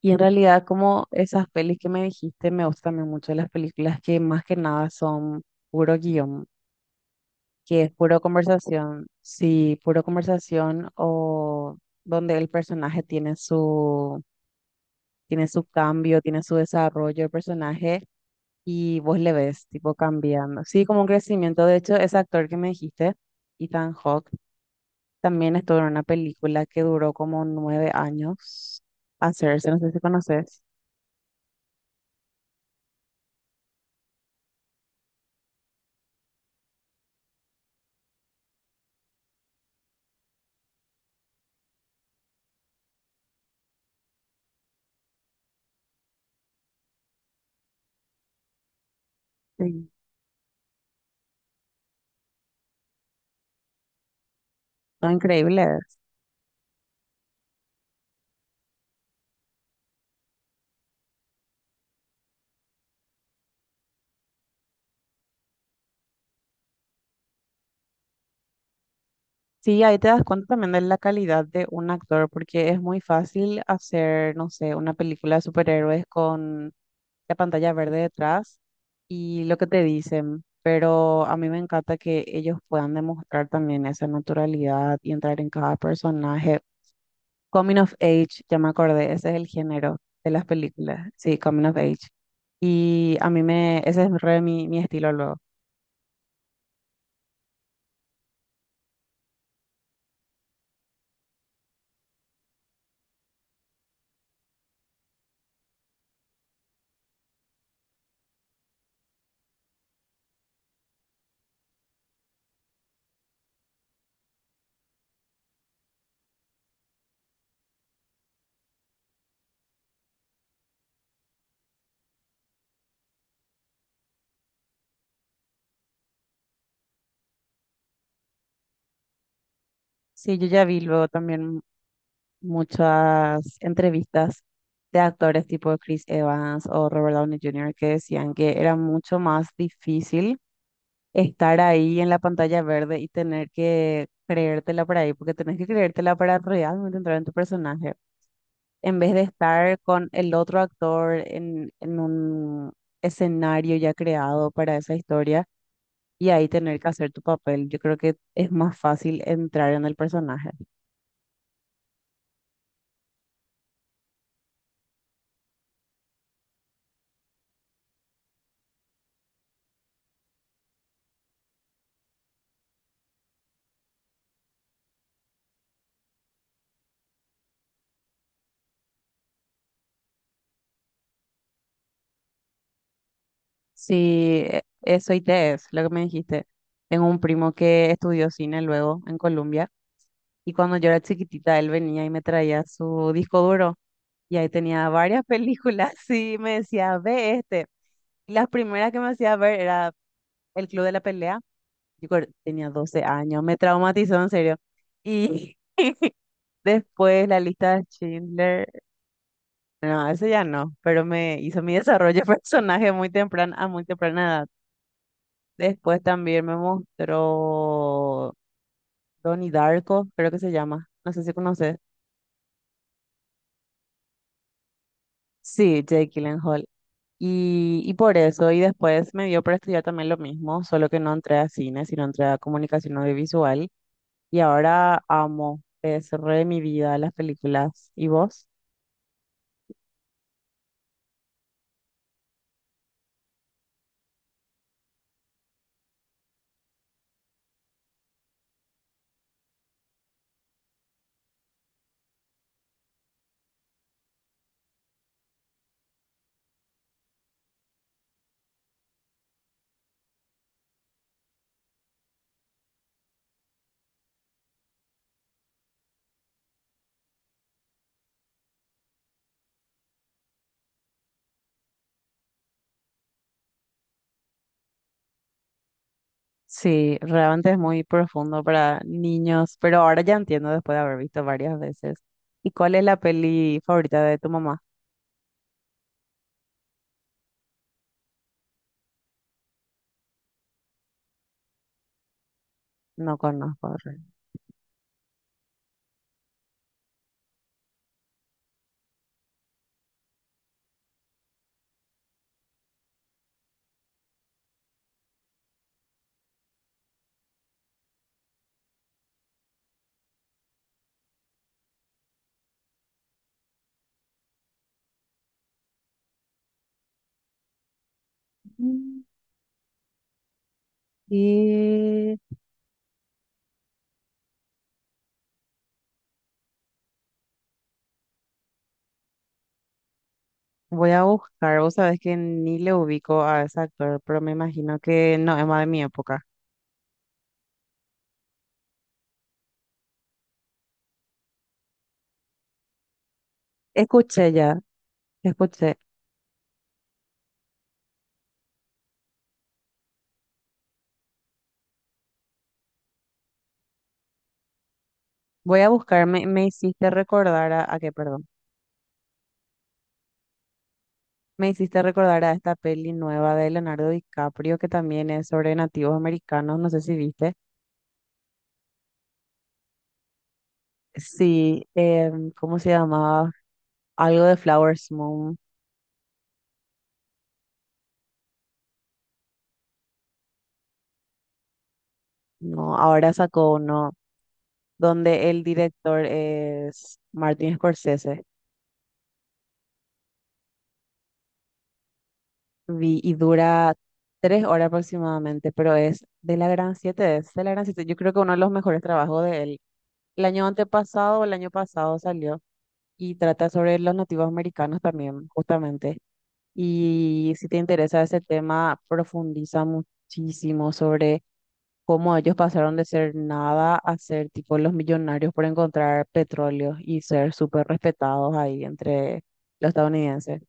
Y en realidad, como esas pelis que me dijiste, me gustan también mucho las películas que más que nada son puro guión, que es puro conversación, sí, puro conversación o donde el personaje tiene su cambio, tiene su desarrollo, el personaje, y vos le ves tipo cambiando. Sí, como un crecimiento. De hecho, ese actor que me dijiste, Ethan Hawke, también estuvo en una película que duró como 9 años hacerse, no sé si conoces. Sí. Son increíbles. Sí, ahí te das cuenta también de la calidad de un actor, porque es muy fácil hacer, no sé, una película de superhéroes con la pantalla verde detrás y lo que te dicen, pero a mí me encanta que ellos puedan demostrar también esa naturalidad y entrar en cada personaje. Coming of Age, ya me acordé, ese es el género de las películas, sí, Coming of Age. Y a mí me, ese es re mi estilo luego. Sí, yo ya vi luego también muchas entrevistas de actores tipo Chris Evans o Robert Downey Jr. que decían que era mucho más difícil estar ahí en la pantalla verde y tener que creértela para ahí, porque tenés que creértela para realmente entrar en tu personaje, en vez de estar con el otro actor en un escenario ya creado para esa historia y ahí tener que hacer tu papel. Yo creo que es más fácil entrar en el personaje. Sí, eso ITES, lo que me dijiste. Tengo un primo que estudió cine luego en Colombia y cuando yo era chiquitita él venía y me traía su disco duro y ahí tenía varias películas y me decía, ve este. Y las primeras que me hacía ver era El Club de la Pelea. Tenía 12 años, me traumatizó en serio. Y después La Lista de Schindler, no, eso ya no, pero me hizo mi desarrollo de personaje muy temprano, a muy temprana edad. Después también me mostró Donnie Darko, creo que se llama. No sé si conoces. Sí, Jake Gyllenhaal. Y por eso, y después me dio para estudiar también lo mismo, solo que no entré a cine, sino entré a comunicación audiovisual. Y ahora amo, es re mi vida las películas. ¿Y vos? Sí, realmente es muy profundo para niños, pero ahora ya entiendo después de haber visto varias veces. ¿Y cuál es la peli favorita de tu mamá? No conozco. Re. Y voy a buscar, vos sabés que ni le ubico a ese actor, pero me imagino que no es más de mi época. Escuché ya, escuché. Voy a buscar, me hiciste recordar a qué, perdón. Me hiciste recordar a esta peli nueva de Leonardo DiCaprio que también es sobre nativos americanos, no sé si viste. Sí, ¿cómo se llamaba? Algo de Flowers Moon. No, ahora sacó uno donde el director es Martin Scorsese. Vi y dura 3 horas aproximadamente, pero es de la Gran Siete, es de la Gran Siete. Yo creo que uno de los mejores trabajos de él. El año antepasado o el año pasado salió y trata sobre los nativos americanos también, justamente. Y si te interesa ese tema, profundiza muchísimo sobre cómo ellos pasaron de ser nada a ser tipo los millonarios por encontrar petróleo y ser súper respetados ahí entre los estadounidenses.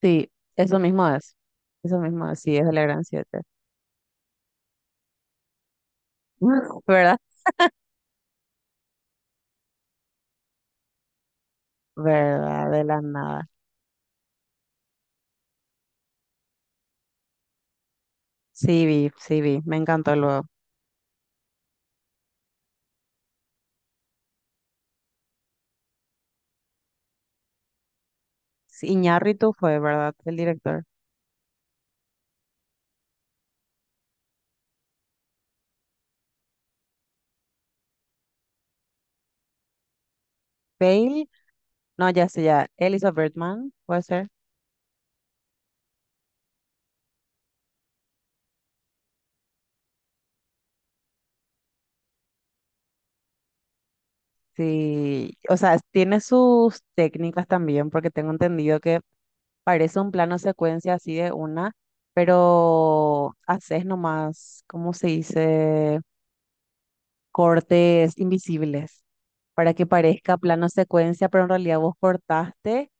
Sí, eso mismo es. Eso mismo es, sí, es de la Gran Siete. ¿Verdad? ¿Verdad? De la nada. Sí, vi, me encantó luego. Sí, Iñárritu fue, ¿verdad? El director. Bale, no, ya sé, ya. Elizabeth Bergman, puede ser. Sí, o sea, tiene sus técnicas también, porque tengo entendido que parece un plano secuencia así de una, pero haces nomás, ¿cómo se dice? Cortes invisibles para que parezca plano secuencia, pero en realidad vos cortaste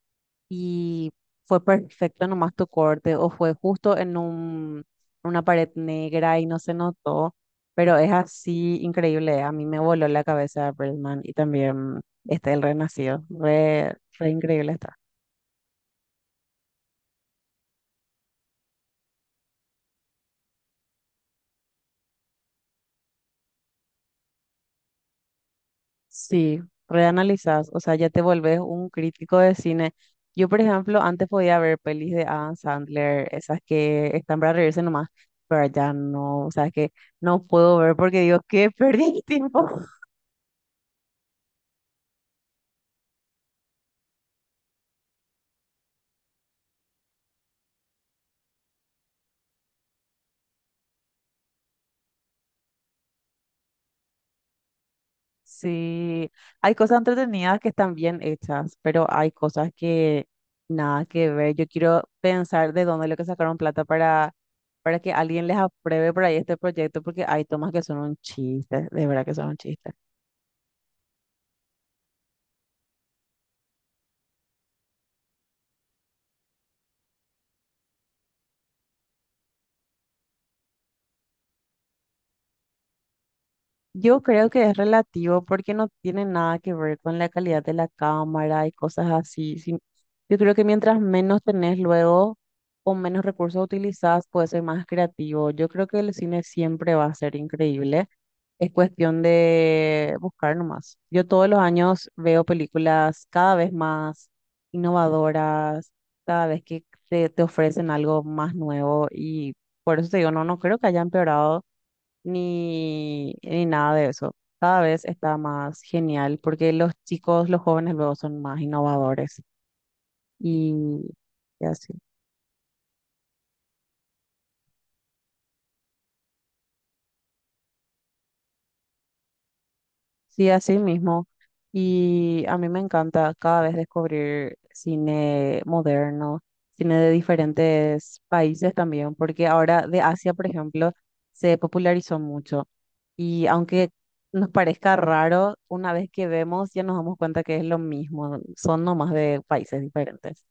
y fue perfecto nomás tu corte o fue justo en una pared negra y no se notó, pero es así increíble. A mí me voló la cabeza Birdman y también este El Renacido. Re, re increíble está. Sí, reanalizás, o sea, ya te volvés un crítico de cine. Yo, por ejemplo, antes podía ver pelis de Adam Sandler, esas que están para reírse nomás, pero ya no, o sea, que no puedo ver porque digo, qué perdí el tiempo. Sí, hay cosas entretenidas que están bien hechas, pero hay cosas que nada que ver. Yo quiero pensar de dónde es lo que sacaron plata para que alguien les apruebe por ahí este proyecto, porque hay tomas que son un chiste, de verdad que son un chiste. Yo creo que es relativo porque no tiene nada que ver con la calidad de la cámara y cosas así. Sí, yo creo que mientras menos tenés luego o menos recursos utilizás, puede ser más creativo. Yo creo que el cine siempre va a ser increíble. Es cuestión de buscar nomás. Yo todos los años veo películas cada vez más innovadoras, cada vez que te ofrecen algo más nuevo y por eso te digo, no, no creo que haya empeorado ni nada de eso. Cada vez está más genial porque los chicos, los jóvenes luego son más innovadores y y así. Sí, así mismo. Y a mí me encanta cada vez descubrir cine moderno, cine de diferentes países también, porque ahora de Asia, por ejemplo, se popularizó mucho. Y aunque nos parezca raro, una vez que vemos ya nos damos cuenta que es lo mismo, son nomás de países diferentes.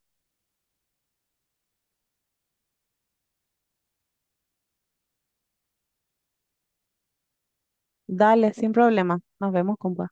Dale, sin problema. Nos vemos, compa.